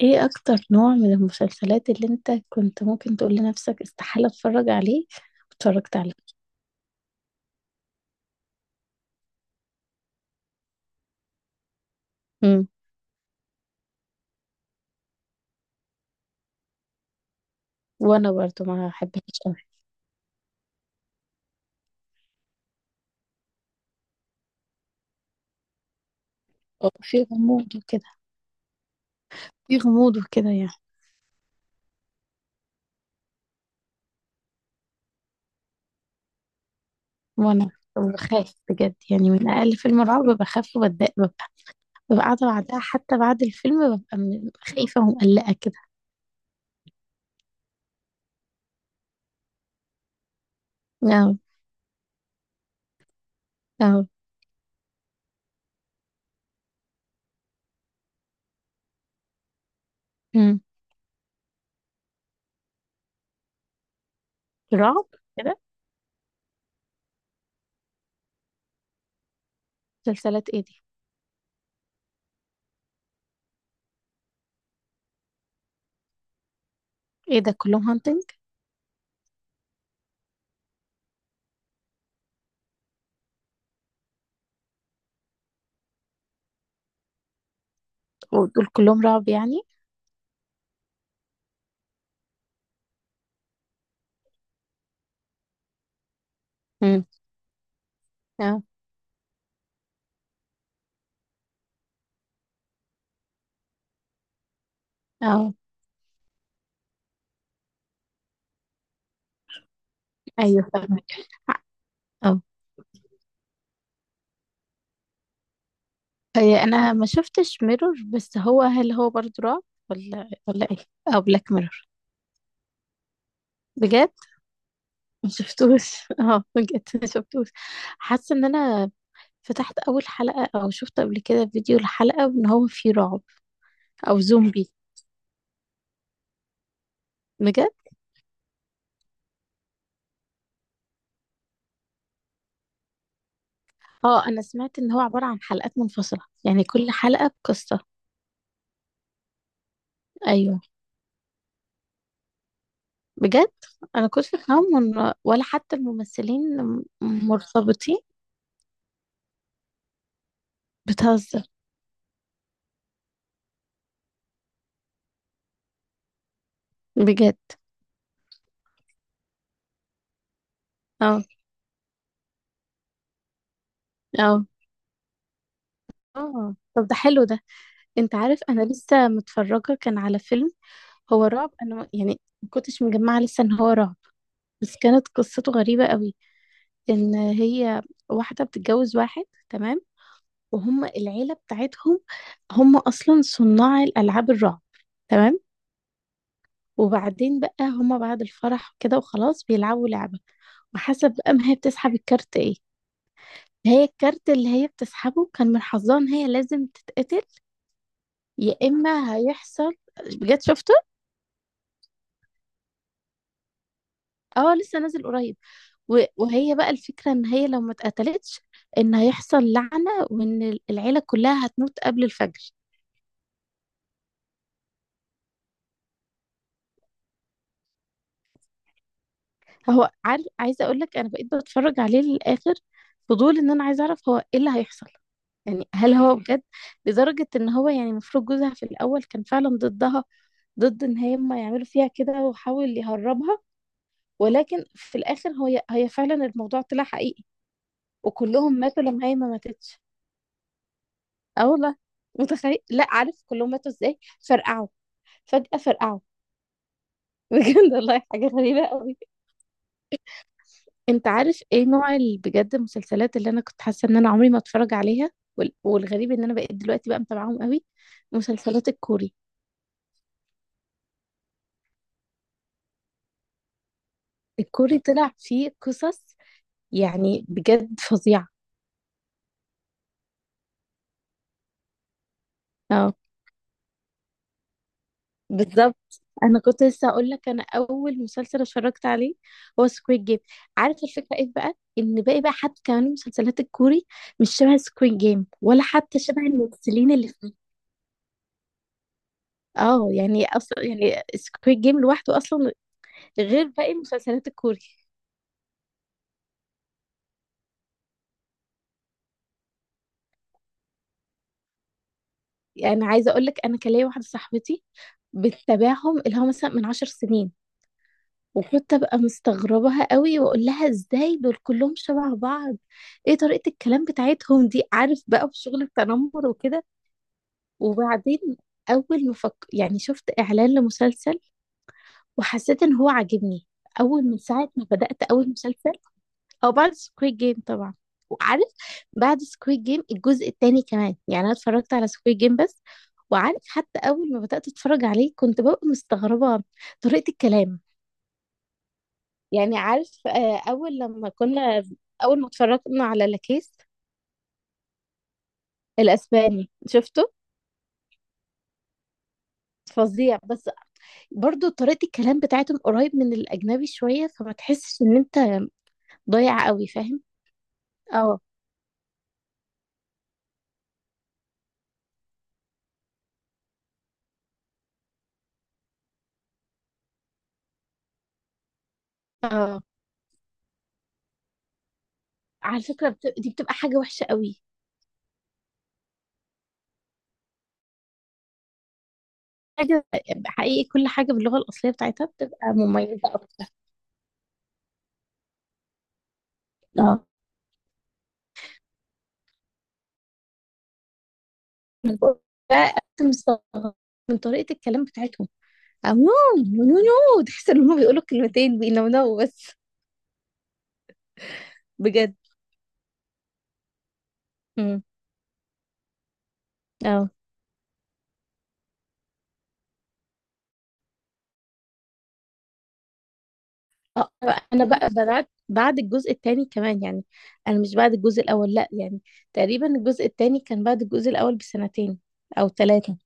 ايه اكتر نوع من المسلسلات اللي انت كنت ممكن تقول لنفسك استحالة اتفرج عليه واتفرجت عليه؟ امم وانا برضو ما احبهاش قوي. في غموض وكده. في غموض وكده يعني. وانا بخاف بجد يعني، من اقل فيلم رعب بخاف وبتضايق، ببقى قاعدة بعدها، حتى بعد الفيلم ببقى خايفة ومقلقة كده. اه. اه. امم رعب كده. مسلسلات ايه دي؟ ايه ده كلهم هانتنج؟ ودول كلهم رعب يعني؟ امم. اه. اه. ايوه فاهمك. اه. هي انا ما شفتش ميرور، بس هو هل هو برضه رعب ولا ايه؟ او بلاك ميرور؟ بجد ما شفتوش اه بجد ما شفتوش. حاسه ان انا فتحت اول حلقه او شفت قبل كده فيديو لحلقه ان هو فيه رعب او زومبي. بجد؟ اه انا سمعت ان هو عباره عن حلقات منفصله، يعني كل حلقه بقصه. ايوه. بجد؟ انا كنت فاهمه ان ولا حتى الممثلين مرتبطين. بتهزر؟ بجد. اه. اه. اه طب ده حلو ده. انت عارف انا لسه متفرجه كان على فيلم، هو رعب، انا يعني ما كنتش مجمعه لسه ان هو رعب، بس كانت قصته غريبه قوي. ان هي واحده بتتجوز واحد، تمام؟ وهم العيله بتاعتهم هم اصلا صناع الالعاب الرعب، تمام؟ وبعدين بقى هم بعد الفرح كده وخلاص بيلعبوا لعبه، وحسب بقى ما هي بتسحب الكارت ايه. هي الكارت اللي هي بتسحبه كان من حظها ان هي لازم تتقتل، يا اما هيحصل. بجد شفته؟ اه لسه نازل قريب. وهي بقى الفكرة ان هي لو ما اتقتلتش ان هيحصل لعنة، وان العيلة كلها هتموت قبل الفجر. هو عارف، عايزة اقول لك انا بقيت بتفرج عليه للاخر. فضول ان انا عايزة اعرف هو ايه اللي هيحصل، يعني هل هو بجد لدرجة ان هو، يعني المفروض جوزها في الاول كان فعلا ضدها، ضد ان هم يعملوا فيها كده، وحاول يهربها، ولكن في الاخر هي فعلا الموضوع طلع حقيقي، وكلهم ماتوا لما هي ما ماتتش. اه والله. متخيل؟ لا عارف كلهم ماتوا ازاي، فرقعوا فجأة، فرقعوا بجد والله حاجة غريبة قوي. انت عارف ايه نوع بجد المسلسلات اللي انا كنت حاسة ان انا عمري ما اتفرج عليها؟ والغريب ان انا بقيت دلوقتي بقى متابعاهم قوي. مسلسلات الكوري. الكوري طلع فيه قصص يعني بجد فظيعة. اه بالظبط. انا كنت لسه اقول لك، انا اول مسلسل اتفرجت عليه هو سكويد جيم. عارف الفكرة ايه بقى؟ ان باقي بقى حتى كمان المسلسلات الكوري مش شبه سكويد جيم، ولا حتى شبه الممثلين اللي فيه. اه يعني اصلا يعني سكويد جيم لوحده اصلا غير باقي المسلسلات الكوري. يعني عايزه اقول لك، انا كان ليا واحده صاحبتي بتتابعهم، اللي هو مثلا من 10 سنين، وكنت ابقى مستغربها قوي، واقول لها ازاي دول كلهم شبه بعض، ايه طريقه الكلام بتاعتهم دي؟ عارف بقى في شغل التنمر وكده. وبعدين اول ما فك... يعني شفت اعلان لمسلسل، وحسيت ان هو عاجبني، اول من ساعه ما بدات اول مسلسل. او بعد سكويد جيم طبعا. وعارف بعد سكويد جيم الجزء التاني كمان، يعني انا اتفرجت على سكويد جيم بس. وعارف حتى اول ما بدات اتفرج عليه كنت ببقى مستغربه طريقه الكلام. يعني عارف، اول لما كنا، اول ما اتفرجنا على لاكيس الاسباني، شفته؟ فظيع، بس برضو طريقه الكلام بتاعتهم قريب من الاجنبي شويه، فما تحسش ان انت ضايع قوي، فاهم؟ اه. اه. على فكره دي بتبقى حاجه وحشه قوي. حاجة حقيقي، كل حاجة باللغة الأصلية بتاعتها بتبقى مميزة أكتر. اه. من جوه بقى مستغرب من طريقة الكلام بتاعتهم. أو نو، نو نو نو، تحس إن هما بيقولوا كلمتين بينونوا بس. بجد. امم اه. آه، أنا بقى بدأت بعد الجزء التاني كمان يعني. أنا مش بعد الجزء الأول لأ يعني. تقريبا الجزء التاني كان بعد الجزء الأول بسنتين أو ثلاثة.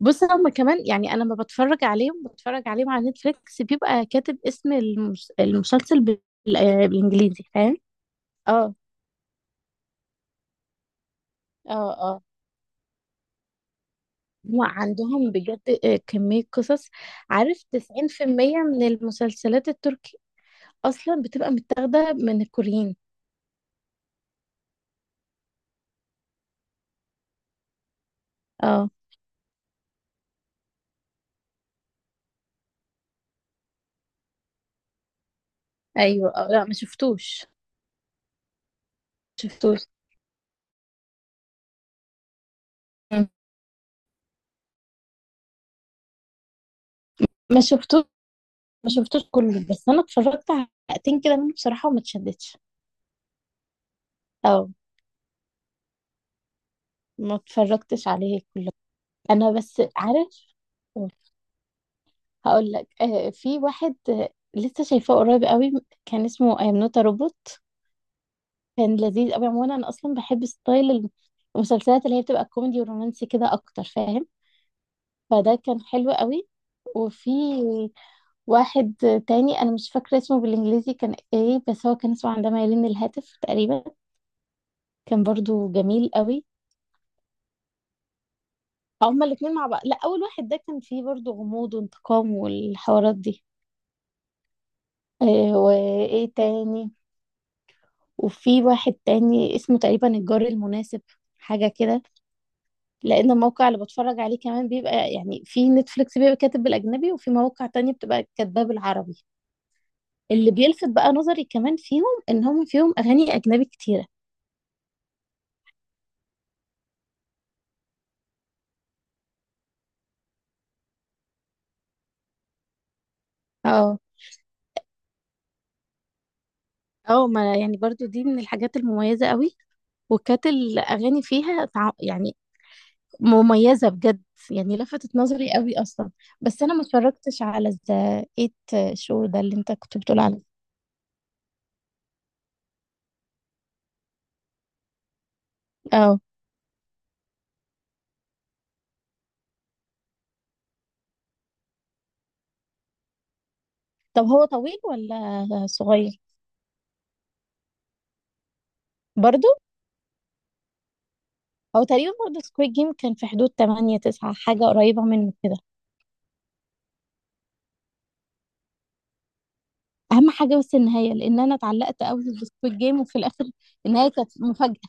بص هما كمان، يعني انا لما بتفرج عليهم، بتفرج عليهم على نتفليكس، بيبقى كاتب اسم المسلسل بالانجليزي، فاهم؟ اه. اه. اه. وعندهم بجد كمية قصص. عارف 90% من المسلسلات التركي اصلا بتبقى متاخدة من الكوريين. اه. ايوه. آه لا ما شفتوش. مم. ما شفتوش. ما شفتوش كله، بس انا اتفرجت على حلقتين كده منه بصراحة وما اتشدتش. اه. ما اتفرجتش عليه كله، انا بس عارف. هقول لك، في واحد لسه شايفاه قريب قوي، كان اسمه ايم نوت روبوت. كان لذيذ قوي. عموما انا اصلا بحب ستايل المسلسلات اللي هي بتبقى كوميدي ورومانسي كده اكتر، فاهم؟ فده كان حلو قوي. وفي واحد تاني انا مش فاكره اسمه بالانجليزي كان ايه، بس هو كان اسمه عندما يلين الهاتف تقريبا. كان برضو جميل قوي. هما الاتنين مع بعض. لا، اول واحد ده كان فيه برضو غموض وانتقام والحوارات دي. وايه تاني؟ وفي واحد تاني اسمه تقريبا الجار المناسب، حاجة كده. لأن الموقع اللي بتفرج عليه كمان بيبقى، يعني في نتفليكس بيبقى كاتب بالأجنبي، وفي مواقع تانية بتبقى كاتباه بالعربي. اللي بيلفت بقى نظري كمان فيهم إن هم فيهم أغاني أجنبي كتيرة. اه. اه. ما يعني برضو دي من الحاجات المميزة قوي. وكانت الأغاني فيها مميزة بجد. يعني لفتت نظري قوي أصلا. بس أنا ما اتفرجتش على ذا إيت شو ده اللي أنت كنت بتقول عليه. اه طب هو طويل ولا صغير؟ برضو. او تقريبا برضو سكويد جيم كان في حدود 8 9 حاجه قريبه منه كده. اهم حاجه بس النهايه، لان انا اتعلقت قوي بسكويد جيم وفي الاخر النهايه كانت مفاجاه.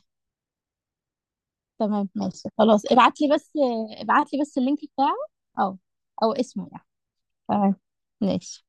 تمام ماشي خلاص، ابعت لي بس. ابعت لي بس اللينك بتاعه. او. او اسمه يعني. تمام ماشي.